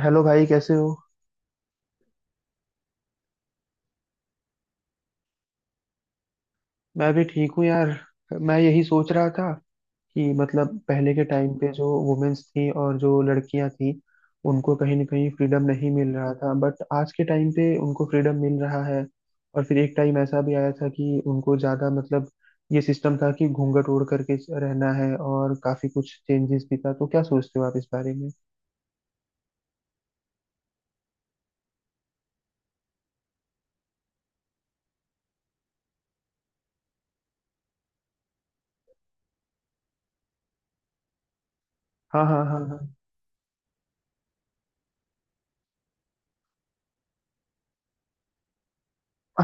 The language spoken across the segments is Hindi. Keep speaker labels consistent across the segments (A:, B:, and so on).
A: हेलो भाई, कैसे हो। मैं भी ठीक हूँ यार। मैं यही सोच रहा था कि मतलब पहले के टाइम पे जो वुमेन्स थी और जो लड़कियां थी, उनको कहीं ना कहीं फ्रीडम नहीं मिल रहा था, बट आज के टाइम पे उनको फ्रीडम मिल रहा है। और फिर एक टाइम ऐसा भी आया था कि उनको ज़्यादा मतलब ये सिस्टम था कि घूंघट ओढ़ करके रहना है, और काफ़ी कुछ चेंजेस भी था। तो क्या सोचते हो आप इस बारे में। हाँ हाँ हाँ हाँ।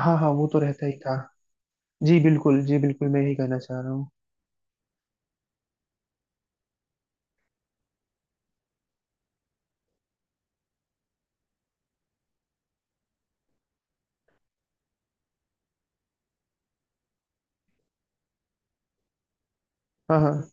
A: हाँ हाँ, वो तो रहता ही था। जी बिल्कुल, जी बिल्कुल, मैं यही कहना चाह रहा हूँ। हाँ हाँ।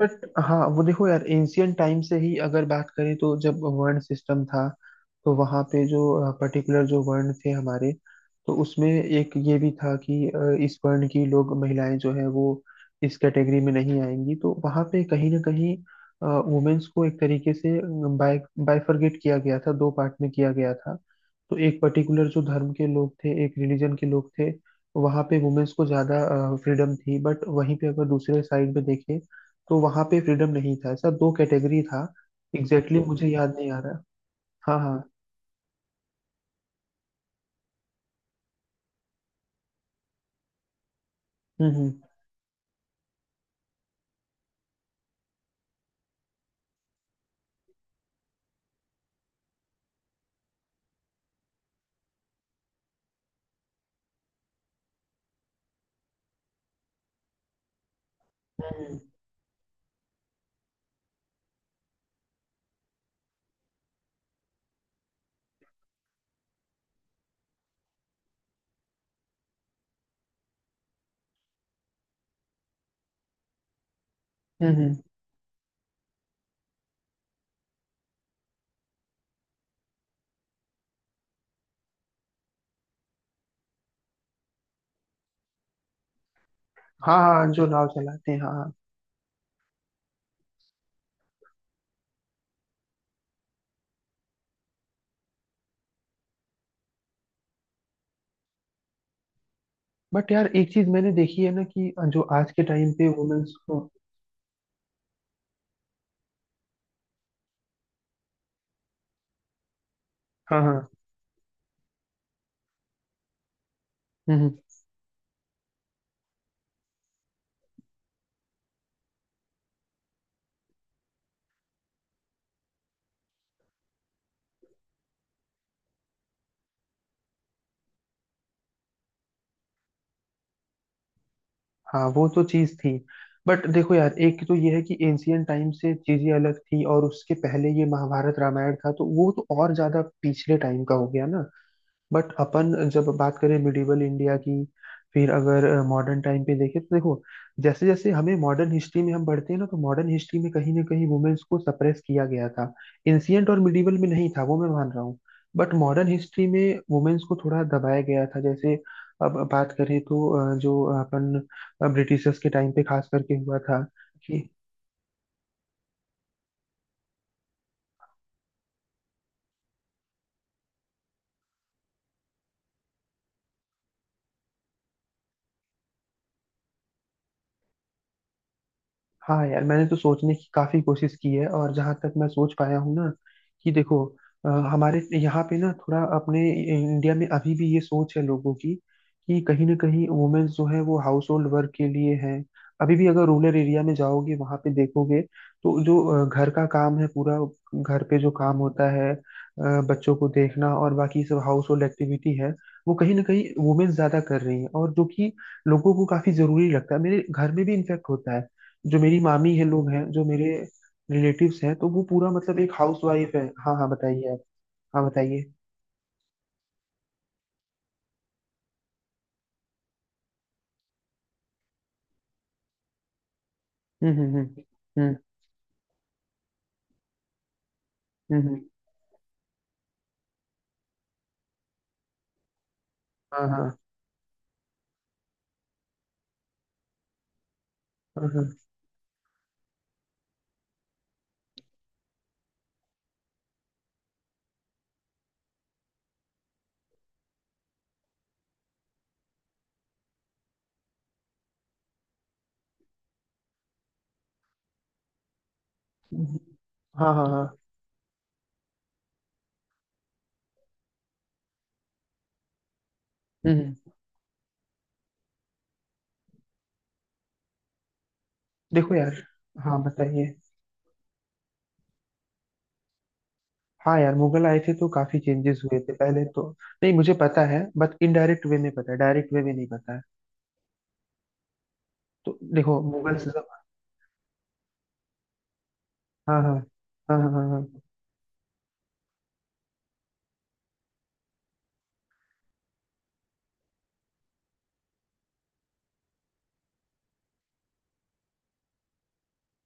A: बट हाँ, वो देखो यार, एंशियंट टाइम से ही अगर बात करें तो जब वर्ण सिस्टम था, तो वहाँ पे जो पर्टिकुलर जो वर्ण थे हमारे, तो उसमें एक ये भी था कि इस वर्ण की लोग महिलाएं जो है वो इस कैटेगरी में नहीं आएंगी। तो वहाँ पे कहीं ना कहीं वुमेन्स को एक तरीके से बाय बाइफरगेट किया गया था, दो पार्ट में किया गया था। तो एक पर्टिकुलर जो धर्म के लोग थे, एक रिलीजन के लोग थे, वहाँ पे वुमेन्स को ज़्यादा फ्रीडम थी, बट वहीं पे अगर दूसरे साइड पे देखें तो वहां पे फ्रीडम नहीं था। ऐसा दो कैटेगरी था। एग्जैक्टली exactly मुझे याद नहीं आ रहा। हाँ हाँ। हम्म। हम्म हम्म। हाँ हाँ, जो नाव चलाते हैं, हाँ हाँ। बट यार एक चीज मैंने देखी है ना, कि जो आज के टाइम पे वुमेन्स को। हाँ हाँ। हम्म हम्म। हाँ वो तो चीज थी। बट देखो यार, एक तो ये है कि एंशियंट टाइम से चीजें अलग थी, और उसके पहले ये महाभारत रामायण था तो वो तो और ज्यादा पिछले टाइम का हो गया ना। बट अपन जब बात करें मिडिवल इंडिया की, फिर अगर मॉडर्न टाइम पे देखें तो देखो, जैसे जैसे हमें मॉडर्न हिस्ट्री में हम बढ़ते हैं ना, तो मॉडर्न हिस्ट्री में कहीं ना कहीं वुमेन्स को सप्रेस किया गया था। इंसियंट और मिडिवल में नहीं था, वो मैं मान रहा हूँ। बट मॉडर्न हिस्ट्री में वुमेन्स को थोड़ा दबाया गया था। जैसे अब बात करें तो जो अपन ब्रिटिशर्स के टाइम पे खास करके हुआ था। कि हाँ यार, मैंने तो सोचने की काफी कोशिश की है, और जहां तक मैं सोच पाया हूँ ना, कि देखो, हमारे यहाँ पे ना थोड़ा अपने इंडिया में अभी भी ये सोच है लोगों की, कि कहीं ना कहीं वुमेन्स जो है वो हाउस होल्ड वर्क के लिए है। अभी भी अगर रूरल एरिया में जाओगे वहां पे देखोगे, तो जो घर का काम है पूरा, घर पे जो काम होता है, बच्चों को देखना और बाकी सब हाउस होल्ड एक्टिविटी है, वो कहीं ना कहीं वुमेन्स ज्यादा कर रही हैं। और जो कि लोगों को काफी जरूरी लगता है, मेरे घर में भी इन्फेक्ट होता है। जो मेरी मामी है, लोग हैं जो मेरे रिलेटिव्स हैं, तो वो पूरा मतलब एक हाउस वाइफ है। हाँ हाँ, बताइए आप। हाँ बताइए। हम्म। हम्म। हाँ हाँ हाँ हाँ। हम्म। हाँ हाँ हाँ। हम्म। देखो यार। हाँ बताइए। हाँ यार, मुगल आए थे तो काफी चेंजेस हुए थे पहले तो। नहीं, मुझे पता है, बट इनडायरेक्ट वे में पता है, डायरेक्ट वे में नहीं पता है। तो देखो मुगल से सब। हाँ हाँ। हाँ हाँ हाँ।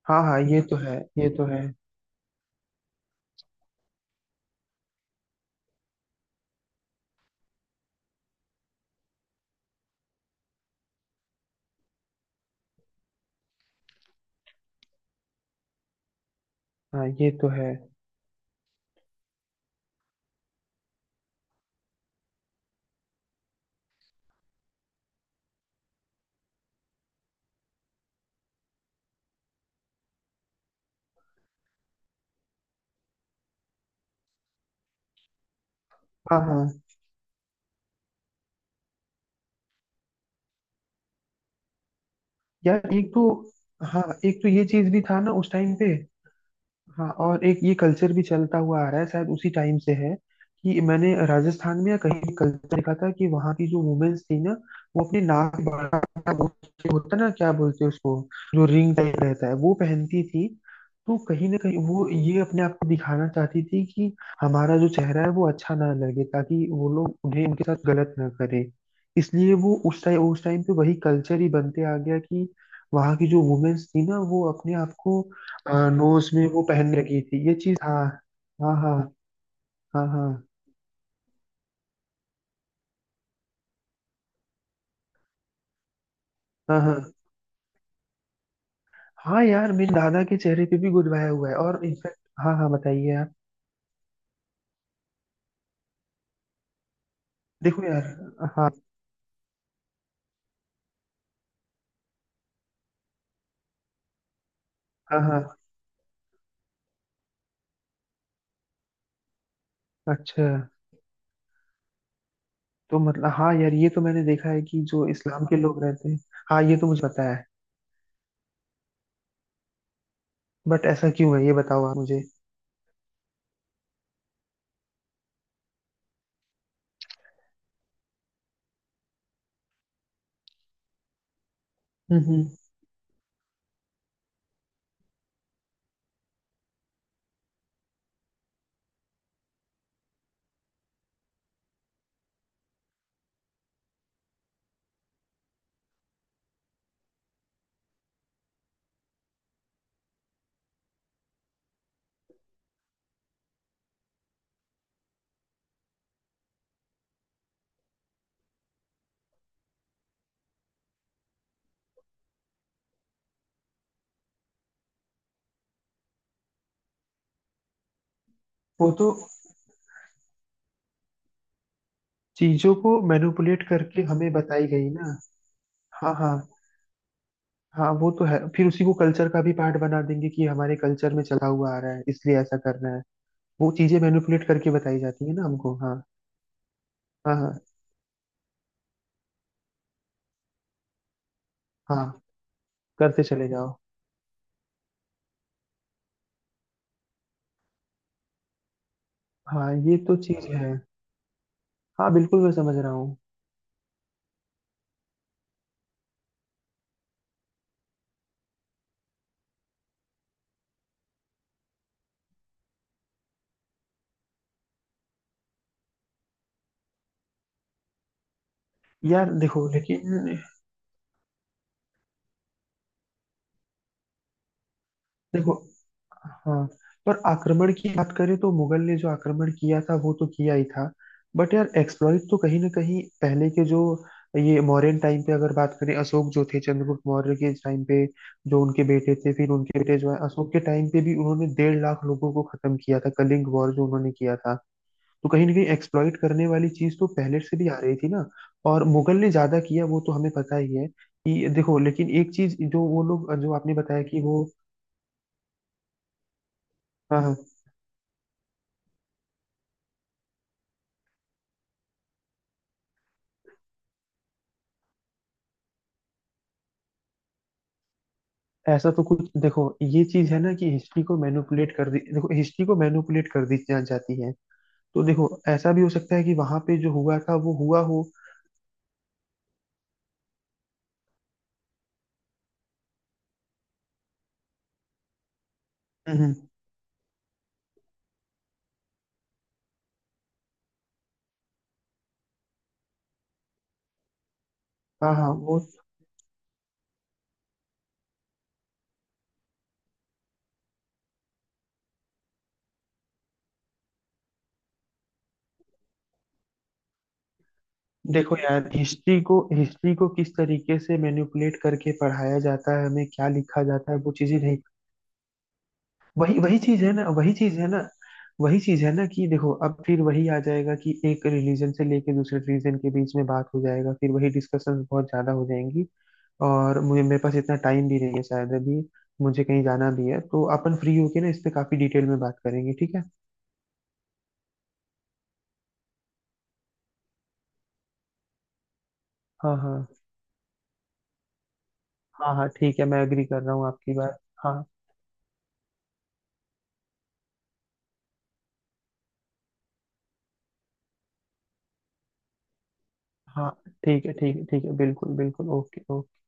A: हाँ हाँ हाँ ये तो है, ये तो है। हाँ ये तो है। हाँ हाँ यार एक तो। हाँ एक तो ये चीज भी था ना उस टाइम पे। हाँ और एक ये कल्चर भी चलता हुआ आ रहा है शायद उसी टाइम से है, कि मैंने राजस्थान में या कहीं भी कल्चर देखा था कि वहाँ की जो वुमेन्स थी ना, वो अपने नाक के बाहर का वो होता ना, क्या बोलते हैं उसको, जो रिंग टाइप रहता है, वो पहनती थी। तो कहीं ना कहीं वो ये अपने आप को दिखाना चाहती थी कि हमारा जो चेहरा है वो अच्छा ना लगे, ताकि वो लोग उन्हें उनके साथ गलत ना करे। इसलिए वो उस टाइम पे वही कल्चर ही बनते आ गया कि वहाँ की जो वुमेन्स थी ना वो अपने आप को। हाँ नोज में वो पहन रखी थी ये चीज, हाँ। हाँ हाँ। हाँ हाँ। हाँ हाँ हाँ यार, मेरे दादा के चेहरे पे भी गुदवाया हुआ है, और इनफैक्ट। हाँ हाँ, बताइए आप। देखो यार। हाँ हाँ हाँ। अच्छा, तो मतलब हाँ यार ये तो मैंने देखा है कि जो इस्लाम के लोग रहते हैं। हाँ ये तो मुझे पता है। बट ऐसा क्यों है ये बताओ आप मुझे। हम्म हम्म, वो तो चीजों को मैनिपुलेट करके हमें बताई गई ना। हाँ हाँ। हाँ वो तो है, फिर उसी को कल्चर का भी पार्ट बना देंगे कि ये हमारे कल्चर में चला हुआ आ रहा है इसलिए ऐसा करना है। वो चीजें मैनिपुलेट करके बताई जाती है ना हमको, हाँ। हाँ हाँ। हाँ करते चले जाओ। हाँ ये तो चीज है। हाँ बिल्कुल मैं समझ रहा हूँ। यार देखो लेकिन। देखो। हाँ पर आक्रमण की बात करें तो मुगल ने जो आक्रमण किया था वो तो किया ही था। बट यार एक्सप्लॉइट तो कहीं ना कहीं पहले के जो ये मौर्यन टाइम पे अगर बात करें, अशोक जो थे, चंद्रगुप्त मौर्य के टाइम पे जो उनके बेटे थे, फिर उनके बेटे जो है अशोक के टाइम पे भी उन्होंने 1,50,000 लोगों को खत्म किया था, कलिंग वॉर जो उन्होंने किया था। तो कहीं ना कहीं एक्सप्लॉइट करने वाली चीज तो पहले से भी आ रही थी ना। और मुगल ने ज्यादा किया, वो तो हमें पता ही है कि देखो। लेकिन एक चीज जो वो लोग जो आपने बताया कि वो। हाँ हाँ, ऐसा तो कुछ, देखो ये चीज है ना कि हिस्ट्री को मैनिपुलेट कर दी, देखो हिस्ट्री को मैनिपुलेट कर दी जाती है। तो देखो ऐसा भी हो सकता है कि वहां पे जो हुआ था वो हुआ हो। हम्म, हम्म, हाँ हाँ। वो देखो यार, हिस्ट्री को किस तरीके से मैनिपुलेट करके पढ़ाया जाता है हमें, क्या लिखा जाता है वो चीजें नहीं। वही वही चीज है ना, वही चीज है ना, वही चीज है ना, कि देखो अब फिर वही आ जाएगा कि एक रिलीजन से लेके दूसरे रिलीजन के बीच में बात हो जाएगा, फिर वही डिस्कशंस बहुत ज्यादा हो जाएंगी। और मुझे, मेरे पास इतना टाइम भी नहीं है शायद अभी, मुझे कहीं जाना भी है, तो अपन फ्री होके ना इस पे काफी डिटेल में बात करेंगे, ठीक है। हाँ हाँ। हाँ हाँ ठीक है, मैं एग्री कर रहा हूँ आपकी बात, हाँ। हाँ ठीक है, ठीक है, ठीक है, बिल्कुल बिल्कुल, ओके ओके।